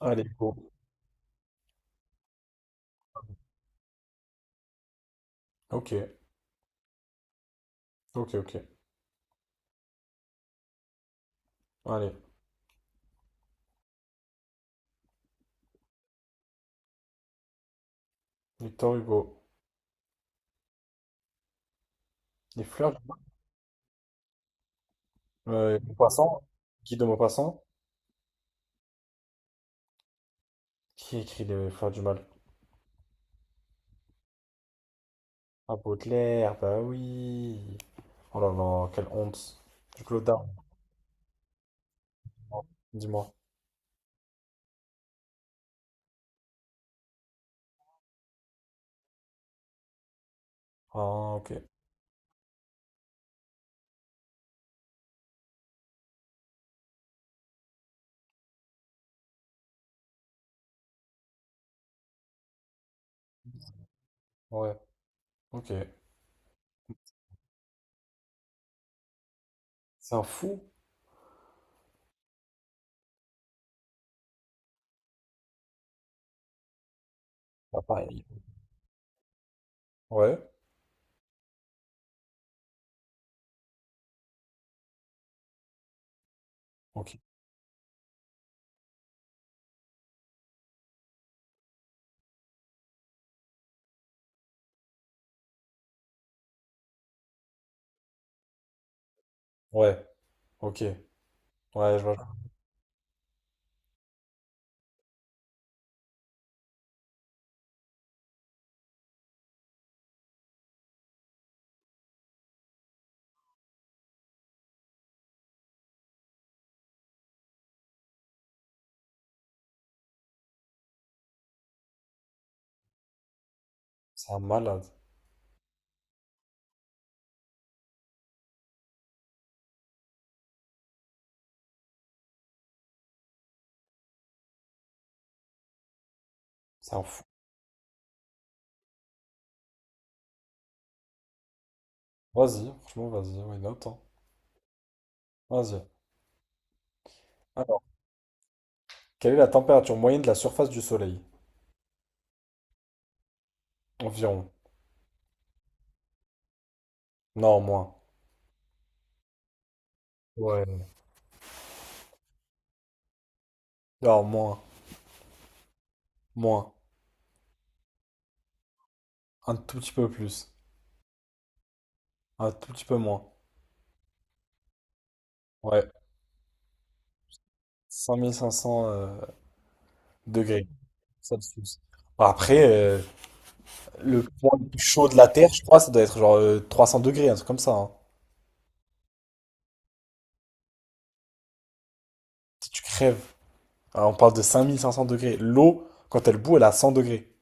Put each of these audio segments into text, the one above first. Allez, go. Ok, ok, ok. Allez, Victor Hugo. Les fleurs du mal. Maupassant, Guy de Maupassant, qui écrit les fleurs du mal? Ah, Baudelaire, bah oui. Oh là là, quelle honte. Du Claude Darmon, dis-moi. Ah, ok. Ouais, ok. C'est un fou? Bah, pareil. Ouais, ok. Ouais, ok. Ouais, je vois. C'est un malade. C'est un fou. Vas-y, franchement, vas-y, ouais, note, hein. Vas-y. Alors, quelle est la température moyenne de la surface du Soleil? Environ. Non, moins. Ouais. Alors moins, moins, un tout petit peu plus, un tout petit peu moins. Ouais, 5500 degrés Celsius. Après, le point le plus chaud de la Terre, je crois, ça doit être genre 300 degrés, un truc comme ça, hein. Si tu crèves, alors, on parle de 5500 degrés. L'eau, quand elle bout, elle a 100 degrés.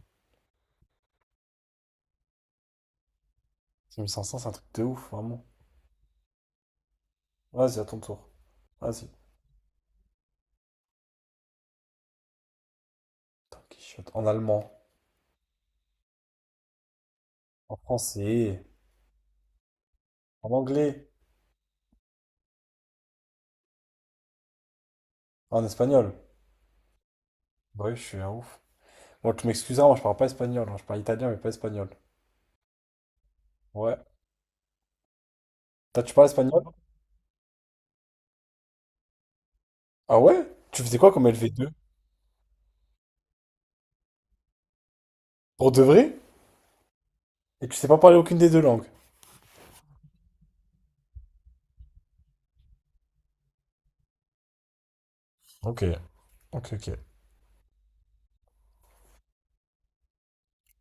5500, c'est un truc de ouf, vraiment. Vas-y, à ton tour. Vas-y. Tanky shot. En allemand, en français, en anglais, en espagnol. Ouais, je suis un ouf. Bon, tu m'excuseras, moi je parle pas espagnol, hein. Je parle italien mais pas espagnol. Ouais. Toi, tu parles espagnol? Ah ouais? Tu faisais quoi comme lv deux? Pour de vrai? Et tu sais pas parler aucune des deux langues? Ok, ok, ok.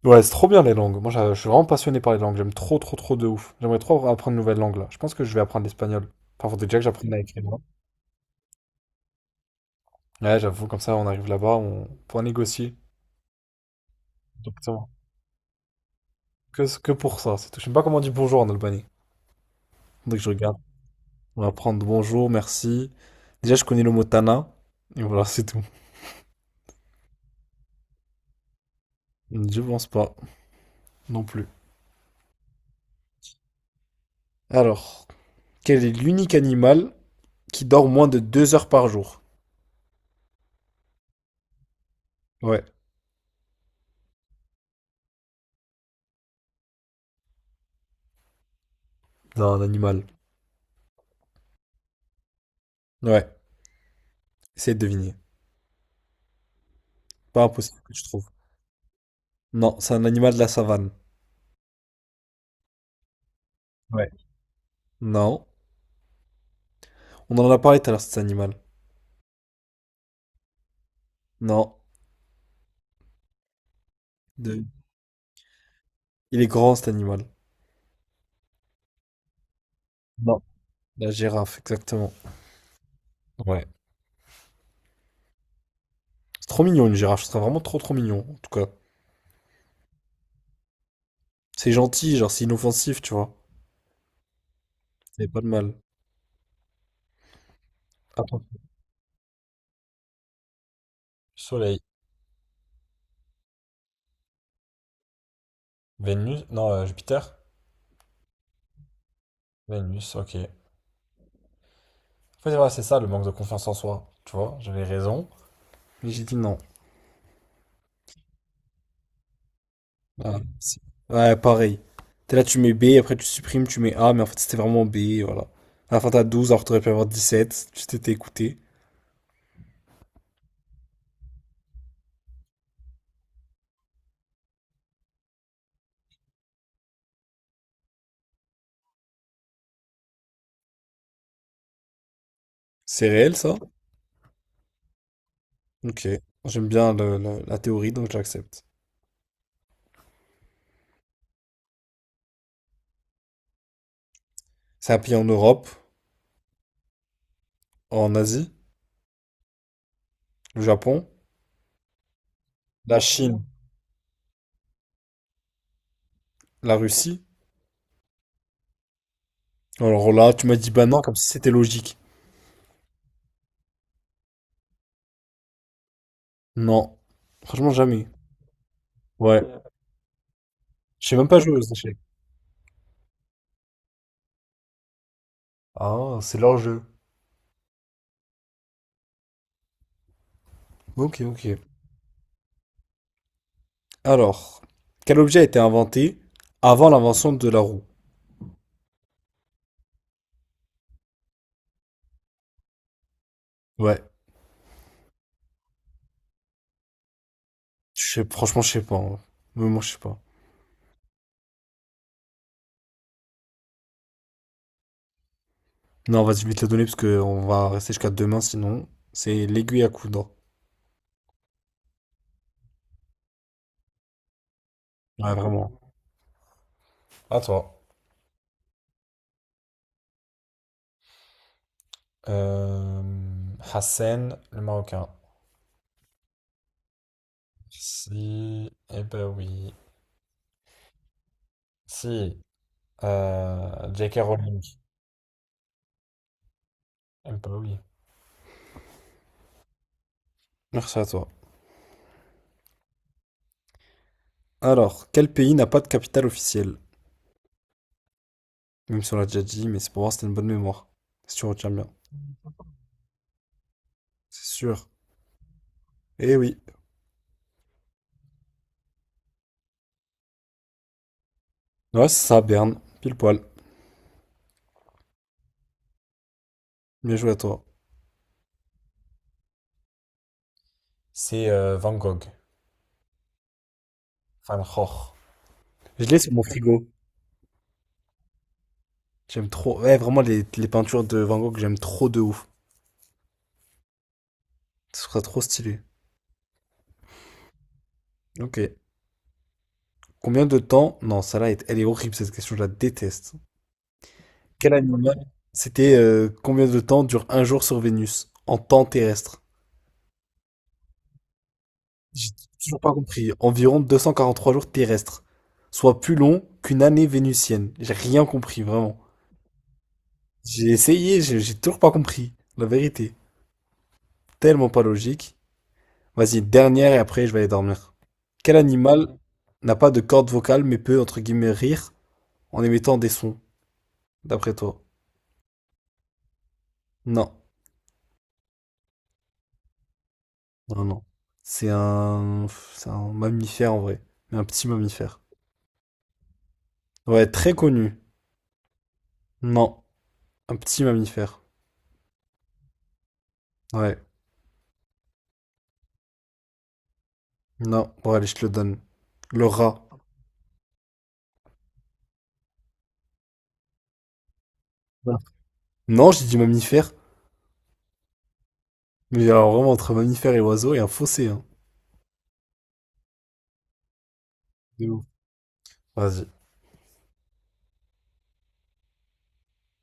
Ouais, c'est trop bien les langues. Moi, je suis vraiment passionné par les langues. J'aime trop, trop, trop de ouf. J'aimerais trop apprendre une nouvelle langue là. Je pense que je vais apprendre l'espagnol. Enfin, faudrait déjà que j'apprenne à écrire, hein. Ouais, j'avoue, comme ça, on arrive là-bas, on pourra négocier. Exactement. Que pour ça, c'est tout. Je sais même pas comment on dit bonjour en Albanie. Faudrait que je regarde. On va prendre bonjour, merci. Déjà, je connais le mot Tana. Et voilà, c'est tout. Je pense pas non plus. Alors, quel est l'unique animal qui dort moins de 2 heures par jour? Ouais, c'est un animal. Ouais, essaye de deviner. Pas impossible que tu trouves. Non, c'est un animal de la savane. Ouais. Non. On en a parlé tout à l'heure, cet animal. Non. De- Il est grand, cet animal. Non. La girafe, exactement. Ouais. C'est trop mignon, une girafe. Ce serait vraiment trop, trop mignon, en tout cas. C'est gentil, genre, c'est inoffensif, tu vois. C'est pas de mal. Attends. Soleil. Vénus. Non, Jupiter. Vénus, ok. En fait, voilà, c'est ça le manque de confiance en soi. Tu vois, j'avais raison. Mais j'ai dit non. Ouais, c'est- ouais, pareil. T'es là, tu mets B, après tu supprimes, tu mets A, mais en fait c'était vraiment B, voilà. À la fin t'as 12, alors que t'aurais pu avoir 7 tu t'étais écouté. C'est réel ça? Ok. J'aime bien la théorie, donc j'accepte. C'est un pays en Europe, en Asie, le Japon, la Chine, la Russie. Alors là, tu m'as dit bah non, comme si c'était logique. Non. Franchement, jamais. Ouais. Je sais même pas jouer aux échecs. Ah, c'est leur jeu. Ok, ok. Alors, quel objet a été inventé avant l'invention de la roue? Ouais, je sais, franchement, je sais pas, hein. Mais moi, je sais pas. Non, vas-y, je vais te la donner parce qu'on va rester jusqu'à demain, sinon. C'est l'aiguille à coudre. Ouais, vraiment. À toi. Euh, Hassan, le Marocain. Si, eh ben oui. Si, J.K. Rowling. Eh ben oui. Merci à toi. Alors, quel pays n'a pas de capitale officielle? Même si on l'a déjà dit, mais c'est pour voir si t'as une bonne mémoire. Si tu retiens bien. C'est sûr. Eh oui. Ouais, c'est ça, Berne. Pile poil. Bien joué à toi. C'est Van Gogh. Van Gogh. Je l'ai sur mon frigo. J'aime trop. Ouais, vraiment, les peintures de Van Gogh, j'aime trop de ouf. Ce sera trop stylé. Ok. Combien de temps? Non, celle-là, elle est horrible, cette question, je la déteste. Quel animal? C'était combien de temps dure un jour sur Vénus en temps terrestre? J'ai toujours pas compris. Environ 243 jours terrestres, soit plus long qu'une année vénusienne. J'ai rien compris, vraiment. J'ai essayé, j'ai toujours pas compris. La vérité. Tellement pas logique. Vas-y, dernière et après je vais aller dormir. Quel animal n'a pas de corde vocale mais peut, entre guillemets, rire en émettant des sons, d'après toi? Non, non, non. C'est un... C'est un mammifère en vrai. Mais un petit mammifère. Ouais, très connu. Non, un petit mammifère. Ouais, non. Bon, allez, je te le donne. Le rat. Non, j'ai dit mammifère. Mais alors vraiment, entre mammifère et oiseau, il y a un fossé, hein. De ouf. Vas-y.